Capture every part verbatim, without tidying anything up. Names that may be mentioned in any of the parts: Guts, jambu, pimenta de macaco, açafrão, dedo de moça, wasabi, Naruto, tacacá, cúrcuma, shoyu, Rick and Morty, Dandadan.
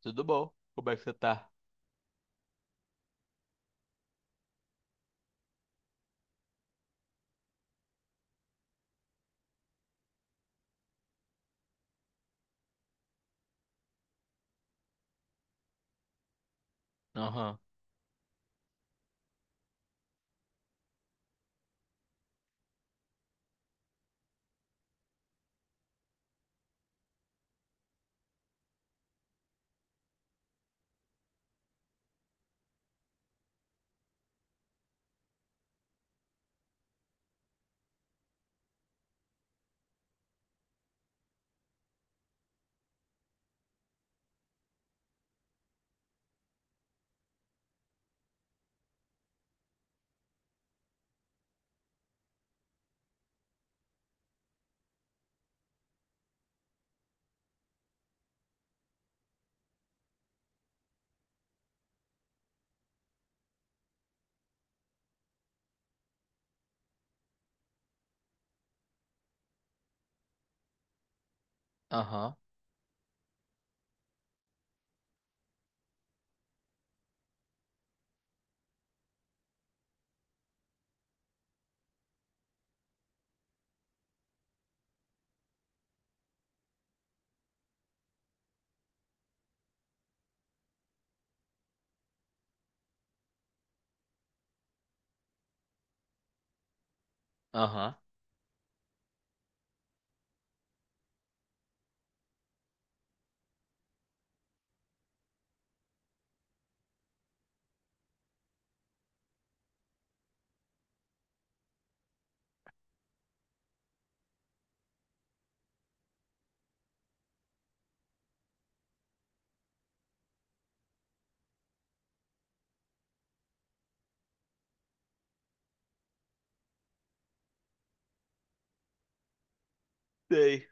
Tudo bom? Como é que você tá? Aham, aham, aham. Sei.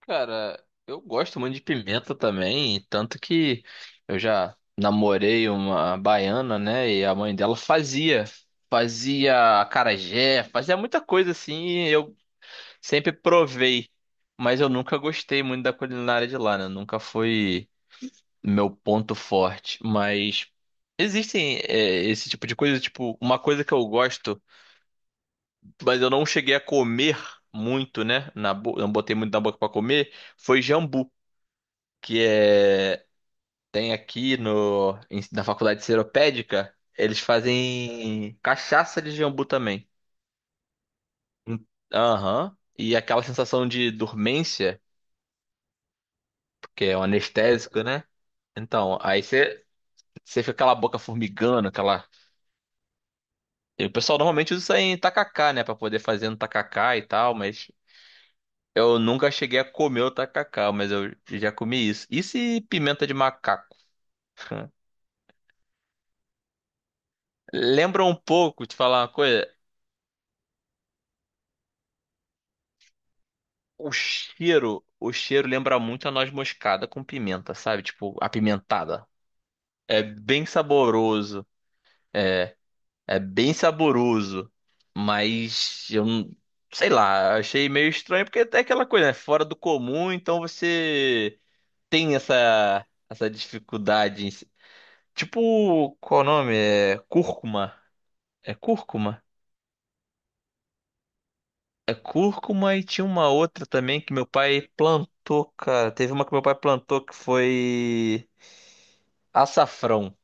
Cara, eu gosto muito de pimenta também, tanto que eu já namorei uma baiana, né? E a mãe dela fazia, fazia acarajé, fazia muita coisa assim, e eu sempre provei, mas eu nunca gostei muito da culinária de lá, né? Nunca foi meu ponto forte, mas existem é, esse tipo de coisa, tipo, uma coisa que eu gosto. Mas eu não cheguei a comer muito, né? Na bo... Não botei muito na boca pra comer. Foi jambu, que é tem aqui no em- na faculdade seropédica, eles fazem cachaça de jambu também. Hum, Aham. E aquela sensação de dormência, porque é um anestésico, né? Então, aí você você fica com aquela boca formigando, aquela. E o pessoal normalmente usa isso aí em tacacá, né? Pra poder fazer no tacacá e tal, mas eu nunca cheguei a comer o tacacá, mas eu já comi isso. Isso e se pimenta de macaco? Lembra um pouco, te falar uma coisa, o cheiro, o cheiro lembra muito a noz moscada com pimenta, sabe? Tipo, apimentada. É bem saboroso, é bem saboroso, mas eu não- sei lá, achei meio estranho porque é aquela coisa, né? Fora do comum, então você tem essa essa dificuldade em... se- Tipo, qual o nome? É cúrcuma. É cúrcuma? É cúrcuma e tinha uma outra também que meu pai plantou, cara. Teve uma que meu pai plantou que foi açafrão.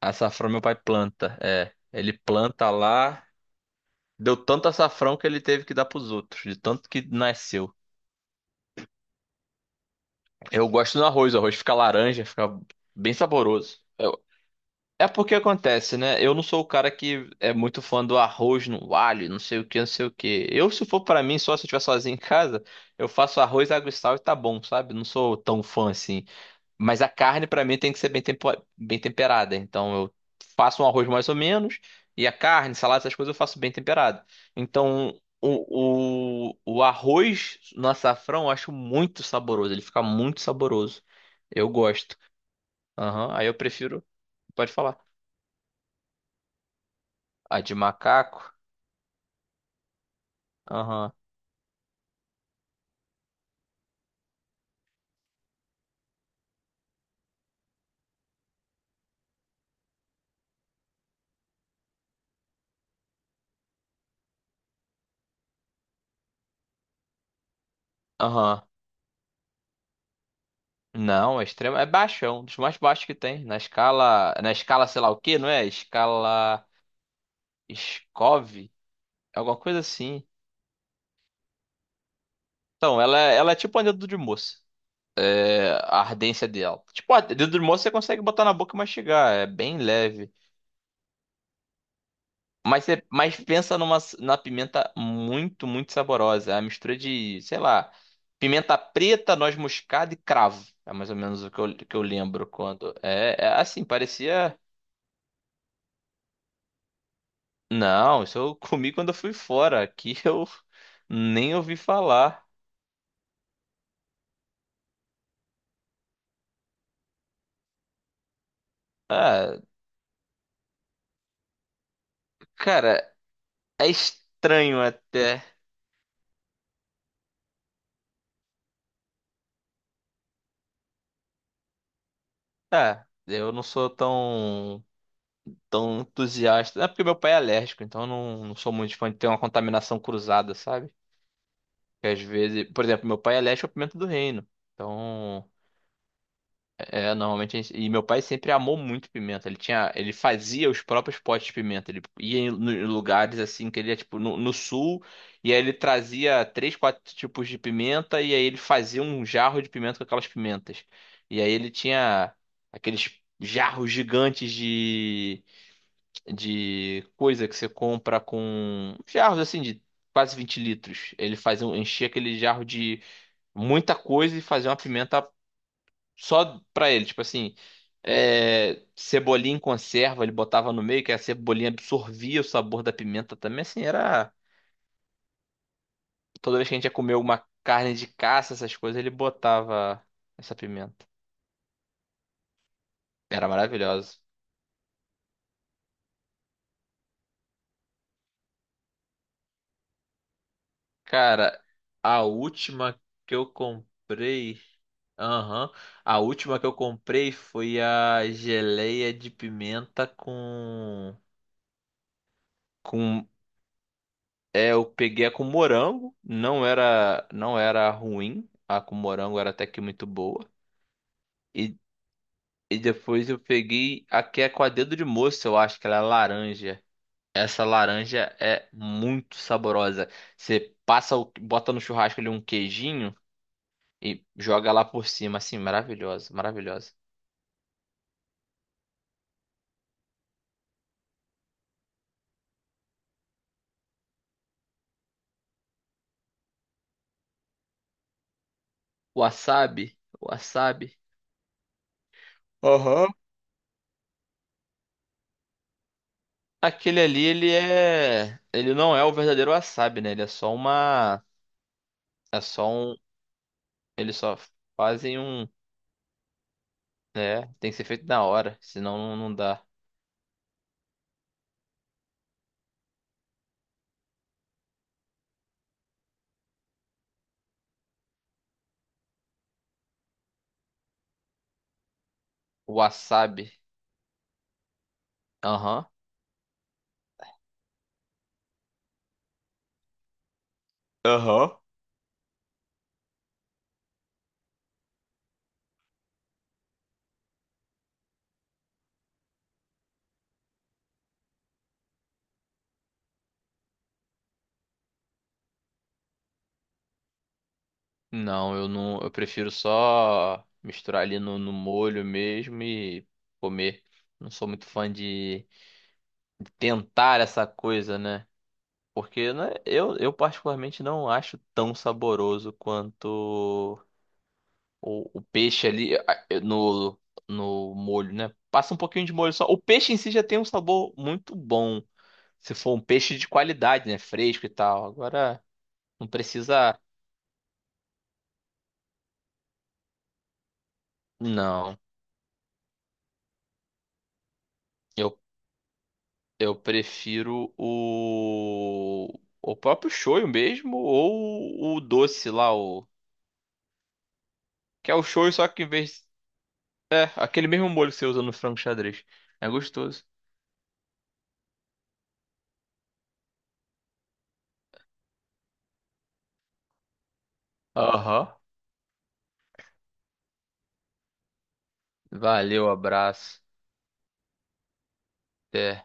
Açafrão meu pai planta, é. Ele planta lá. Deu tanto açafrão que ele teve que dar pros outros, de tanto que nasceu. Eu gosto do arroz, o arroz fica laranja, fica bem saboroso. É, é porque acontece, né? Eu não sou o cara que é muito fã do arroz no alho, não sei o que, não sei o que. Eu, se for pra mim, só se eu estiver sozinho em casa, eu faço arroz, água e sal e tá bom, sabe? Não sou tão fã assim. Mas a carne pra mim tem que ser bem, tempo- bem temperada. Então eu faço um arroz mais ou menos e a carne, salada, essas coisas eu faço bem temperado. Então o, o, o arroz no açafrão eu acho muito saboroso. Ele fica muito saboroso. Eu gosto. Aham, aí eu prefiro. Pode falar. A de macaco? Aham. Aham. Não, é extremo. É baixo, é um dos mais baixos que tem. Na escala. Na escala, sei lá o que, não é? Escala. Scov? Alguma coisa assim. Então, ela, é- ela é tipo um dedo de moça. É, a ardência dela. Tipo, a dedo de moça você consegue botar na boca e mastigar. É bem leve. Mas, você, mas pensa numa, na pimenta muito, muito saborosa. É a mistura de, sei lá, pimenta preta, noz moscada e cravo. É mais ou menos o que eu, que eu lembro quando. É, é assim, parecia. Não, isso eu comi quando eu fui fora. Aqui eu nem ouvi falar. Ah, cara, é estranho até. Ah, eu não sou tão, tão entusiasta. É porque meu pai é alérgico, então eu não, não sou muito fã de ter uma contaminação cruzada, sabe? Que às vezes, por exemplo, meu pai é alérgico à pimenta do reino. Então, é, é, normalmente a gente, e meu pai sempre amou muito pimenta. Ele tinha, ele fazia os próprios potes de pimenta. Ele ia em lu- em lugares assim que ele ia tipo no, no sul e aí ele trazia três, quatro tipos de pimenta e aí ele fazia um jarro de pimenta com aquelas pimentas. E aí ele tinha aqueles jarros gigantes de de coisa que você compra com jarros assim de quase vinte litros. Ele fazia, um- enchia aquele jarro de muita coisa e fazer uma pimenta só pra ele. Tipo assim, é, cebolinha em conserva, ele botava no meio, que a cebolinha absorvia o sabor da pimenta também. Assim, era. Toda vez que a gente ia comer alguma carne de caça, essas coisas, ele botava essa pimenta. Era maravilhoso. Cara, a última que eu comprei. Aham. A última que eu comprei foi a geleia de pimenta com. Com é, eu peguei a com morango, não era, não era ruim, a com morango era até que muito boa. E, e depois eu peguei a que é com a dedo de moça, eu acho que ela é laranja. Essa laranja é muito saborosa. Você passa, o- bota no churrasco ali um queijinho e joga lá por cima, assim, maravilhosa, maravilhosa. Wasabi, wasabi. Aham. Aquele ali, ele é, ele não é o verdadeiro wasabi, né? Ele é só uma, é só um, eles só fazem um. É, tem que ser feito na hora, senão não, não dá. Wasabi. Aham. Aham. Não, eu não. Eu prefiro só misturar ali no, no molho mesmo e comer. Não sou muito fã de, de tentar essa coisa, né? Porque né, eu, eu particularmente não acho tão saboroso quanto o, o peixe ali ah, no, no molho, né? Passa um pouquinho de molho só. O peixe em si já tem um sabor muito bom. Se for um peixe de qualidade, né? Fresco e tal. Agora, não precisa. Não. Eu, eu prefiro o. O próprio shoyu mesmo, ou o doce lá, o. Que é o shoyu, só que em vez. É, aquele mesmo molho que você usa no frango xadrez. É gostoso. Aham. Valeu, abraço. Até.